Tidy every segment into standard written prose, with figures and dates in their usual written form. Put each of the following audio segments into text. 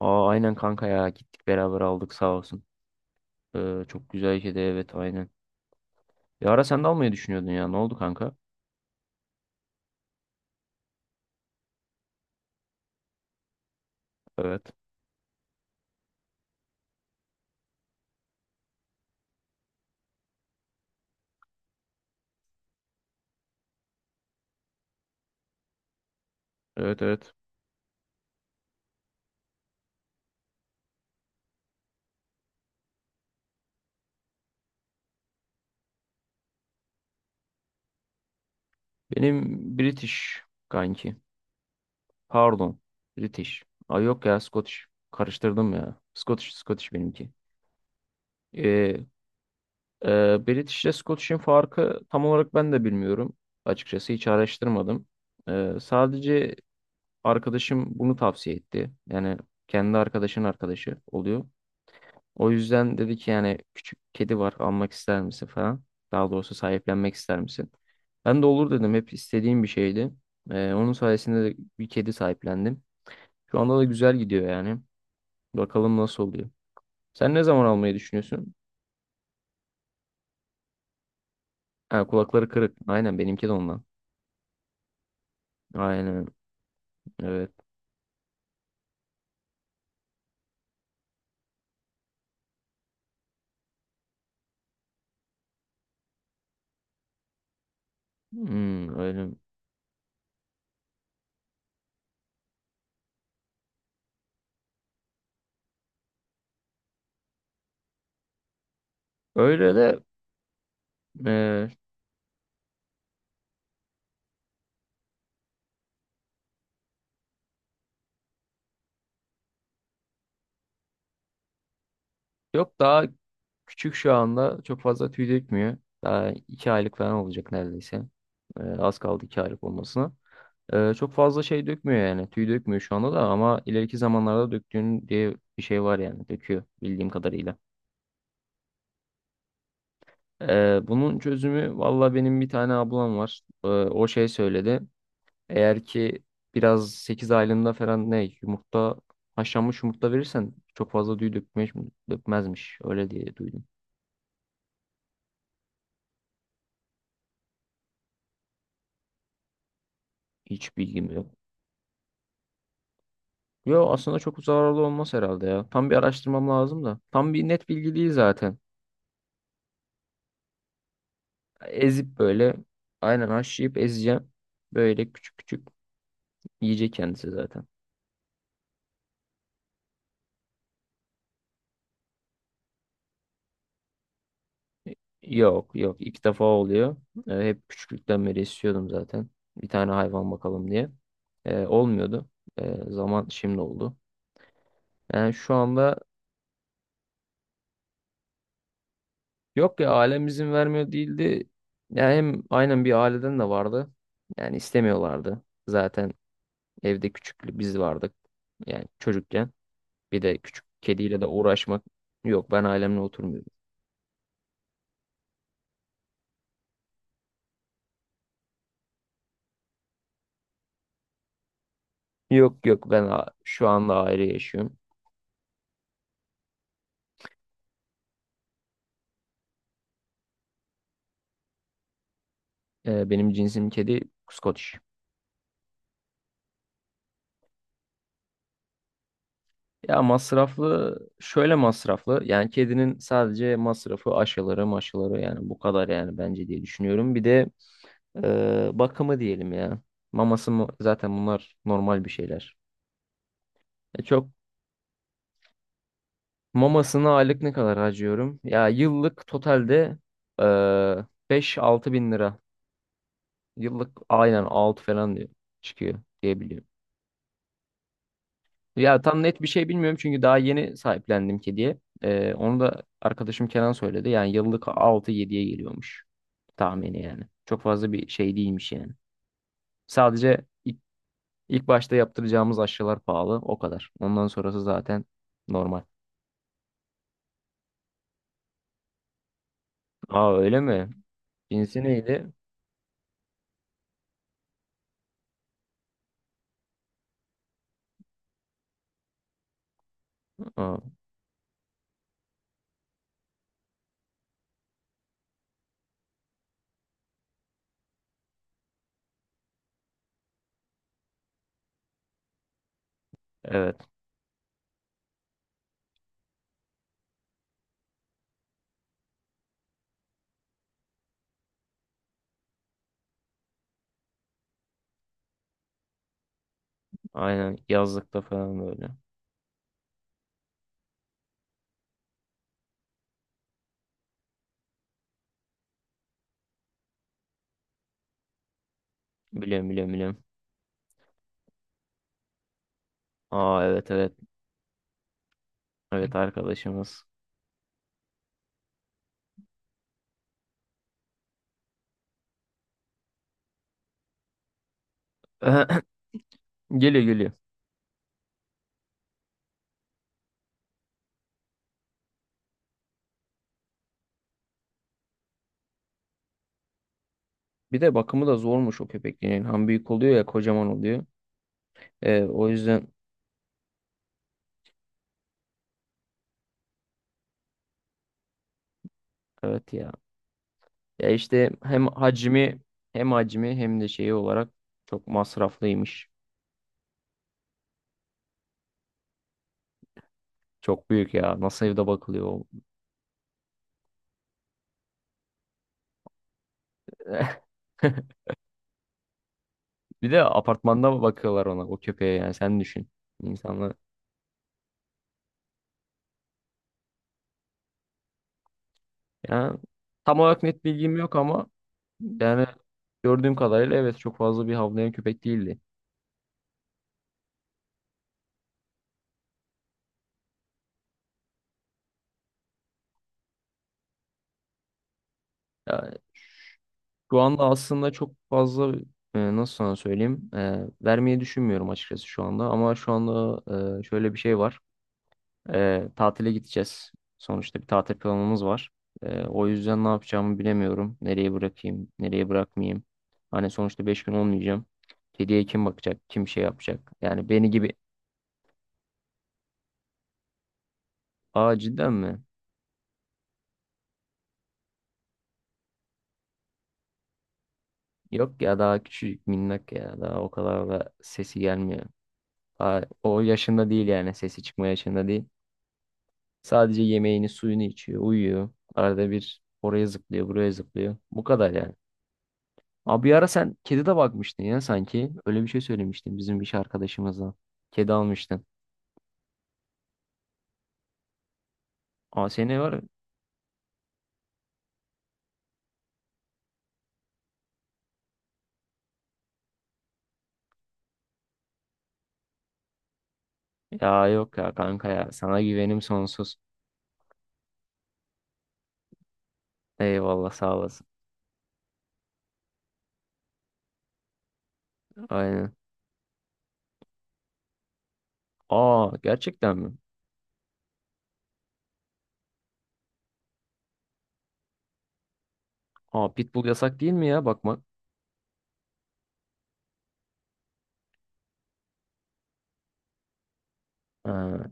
Aa, aynen kanka ya gittik beraber aldık sağ olsun. Çok güzel işedi, evet, aynen. Bir ara sen de almayı düşünüyordun ya ne oldu kanka? Evet. Evet evet. Benim British kanki. Pardon. British. Ay yok ya Scottish. Karıştırdım ya. Scottish Scottish benimki. Ee, British ile Scottish'in farkı tam olarak ben de bilmiyorum. Açıkçası hiç araştırmadım. Sadece arkadaşım bunu tavsiye etti. Yani kendi arkadaşın arkadaşı oluyor. O yüzden dedi ki yani küçük kedi var almak ister misin falan. Daha doğrusu sahiplenmek ister misin? Ben de olur dedim. Hep istediğim bir şeydi. Onun sayesinde de bir kedi sahiplendim. Şu anda da güzel gidiyor yani. Bakalım nasıl oluyor. Sen ne zaman almayı düşünüyorsun? Ha, kulakları kırık. Aynen benimki de ondan. Aynen. Evet. Hmm, öyle. Öyle de, e, yok daha küçük şu anda çok fazla tüy dökmüyor. Daha 2 aylık falan olacak neredeyse. Az kaldı 2 aylık olmasına. Çok fazla şey dökmüyor yani. Tüy dökmüyor şu anda da ama ileriki zamanlarda döktüğün diye bir şey var yani. Döküyor bildiğim kadarıyla. Bunun çözümü, valla benim bir tane ablam var. O şey söyledi. Eğer ki biraz 8 aylığında falan ne yumurta, haşlanmış yumurta verirsen çok fazla tüy dökmez, dökmezmiş. Öyle diye duydum. Hiç bilgim yok. Yo, aslında çok zararlı olmaz herhalde ya. Tam bir araştırmam lazım da. Tam bir net bilgi değil zaten. Ezip böyle aynen haşlayıp ezeceğim. Böyle küçük küçük yiyecek kendisi zaten. Yok yok, ilk defa oluyor. Hep küçüklükten beri istiyordum zaten. Bir tane hayvan bakalım diye. Olmuyordu. Zaman şimdi oldu. Yani şu anda, yok ya, ailem izin vermiyor değildi. Yani hem aynen bir aileden de vardı. Yani istemiyorlardı. Zaten evde küçük biz vardık. Yani çocukken. Bir de küçük kediyle de uğraşmak. Yok, ben ailemle oturmuyorum. Yok yok, ben şu anda ayrı yaşıyorum. Benim cinsim kedi Scottish. Ya masraflı, şöyle masraflı. Yani kedinin sadece masrafı aşıları maşıları yani bu kadar yani, bence diye düşünüyorum. Bir de bakımı diyelim ya. Zaten bunlar normal bir şeyler. Çok. Mamasına aylık ne kadar harcıyorum? Ya yıllık totalde eee 5-6 bin lira. Yıllık aynen 6 falan diyor, çıkıyor diyebiliyorum. Ya tam net bir şey bilmiyorum çünkü daha yeni sahiplendim kediye. Onu da arkadaşım Kenan söyledi. Yani yıllık 6-7'ye geliyormuş, tahmini yani. Çok fazla bir şey değilmiş yani. Sadece ilk başta yaptıracağımız aşılar pahalı o kadar. Ondan sonrası zaten normal. Aa, öyle mi? Cinsi neydi? Aa, evet. Aynen, yazlıkta falan böyle. Biliyorum biliyorum biliyorum. Aa, evet evet. Evet, arkadaşımız. Geliyor geliyor. Bir de bakımı da zormuş o köpeklerin. Hem büyük oluyor ya, kocaman oluyor. O yüzden, evet ya. Ya işte hem hacmi hem de şeyi olarak çok masraflıymış. Çok büyük ya. Nasıl evde bakılıyor o? Bir de apartmanda bakıyorlar ona, o köpeğe, yani sen düşün. İnsanlar. Yani tam olarak net bilgim yok ama yani gördüğüm kadarıyla evet, çok fazla bir havlayan köpek değildi. Yani şu anda aslında çok fazla, nasıl sana söyleyeyim, vermeyi düşünmüyorum açıkçası şu anda, ama şu anda şöyle bir şey var. Tatile gideceğiz. Sonuçta bir tatil planımız var. O yüzden ne yapacağımı bilemiyorum. Nereye bırakayım, nereye bırakmayayım. Hani sonuçta 5 gün olmayacağım. Kediye kim bakacak, kim şey yapacak. Yani beni gibi. Aa, cidden mi? Yok ya, daha küçücük minnak ya. Daha o kadar da sesi gelmiyor. Daha o yaşında değil, yani sesi çıkma yaşında değil. Sadece yemeğini suyunu içiyor, uyuyor. Arada bir oraya zıplıyor, buraya zıplıyor. Bu kadar yani. Abi, bir ara sen kedi de bakmıştın ya sanki. Öyle bir şey söylemiştin bizim iş arkadaşımızla. Kedi almıştın. Ama seni var. Ya yok ya kanka ya. Sana güvenim sonsuz. Eyvallah, sağ olasın. Aynen. Aa, gerçekten mi? Aa, pitbull yasak değil mi ya bakmak? Ha.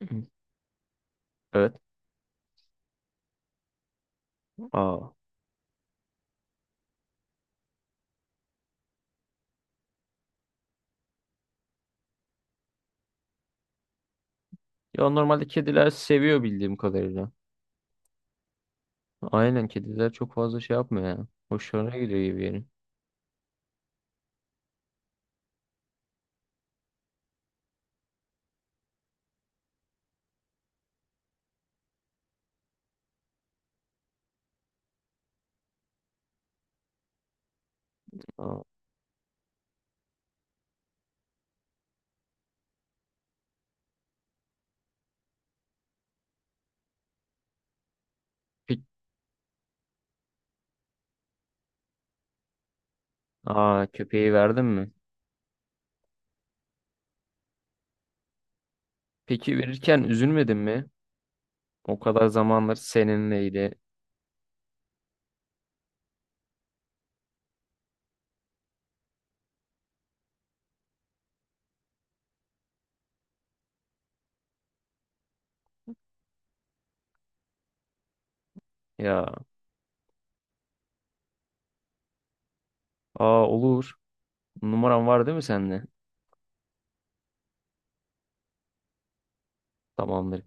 Evet. Aa. Ya, normalde kediler seviyor bildiğim kadarıyla. Aynen, kediler çok fazla şey yapmıyor ya. Hoşlarına gidiyor gibi yani. Aa. Peki, aa, köpeği verdin mi? Peki verirken üzülmedin mi? O kadar zamanlar seninleydi. Ya. Aa, olur. Numaran var değil mi sende? Tamamdır.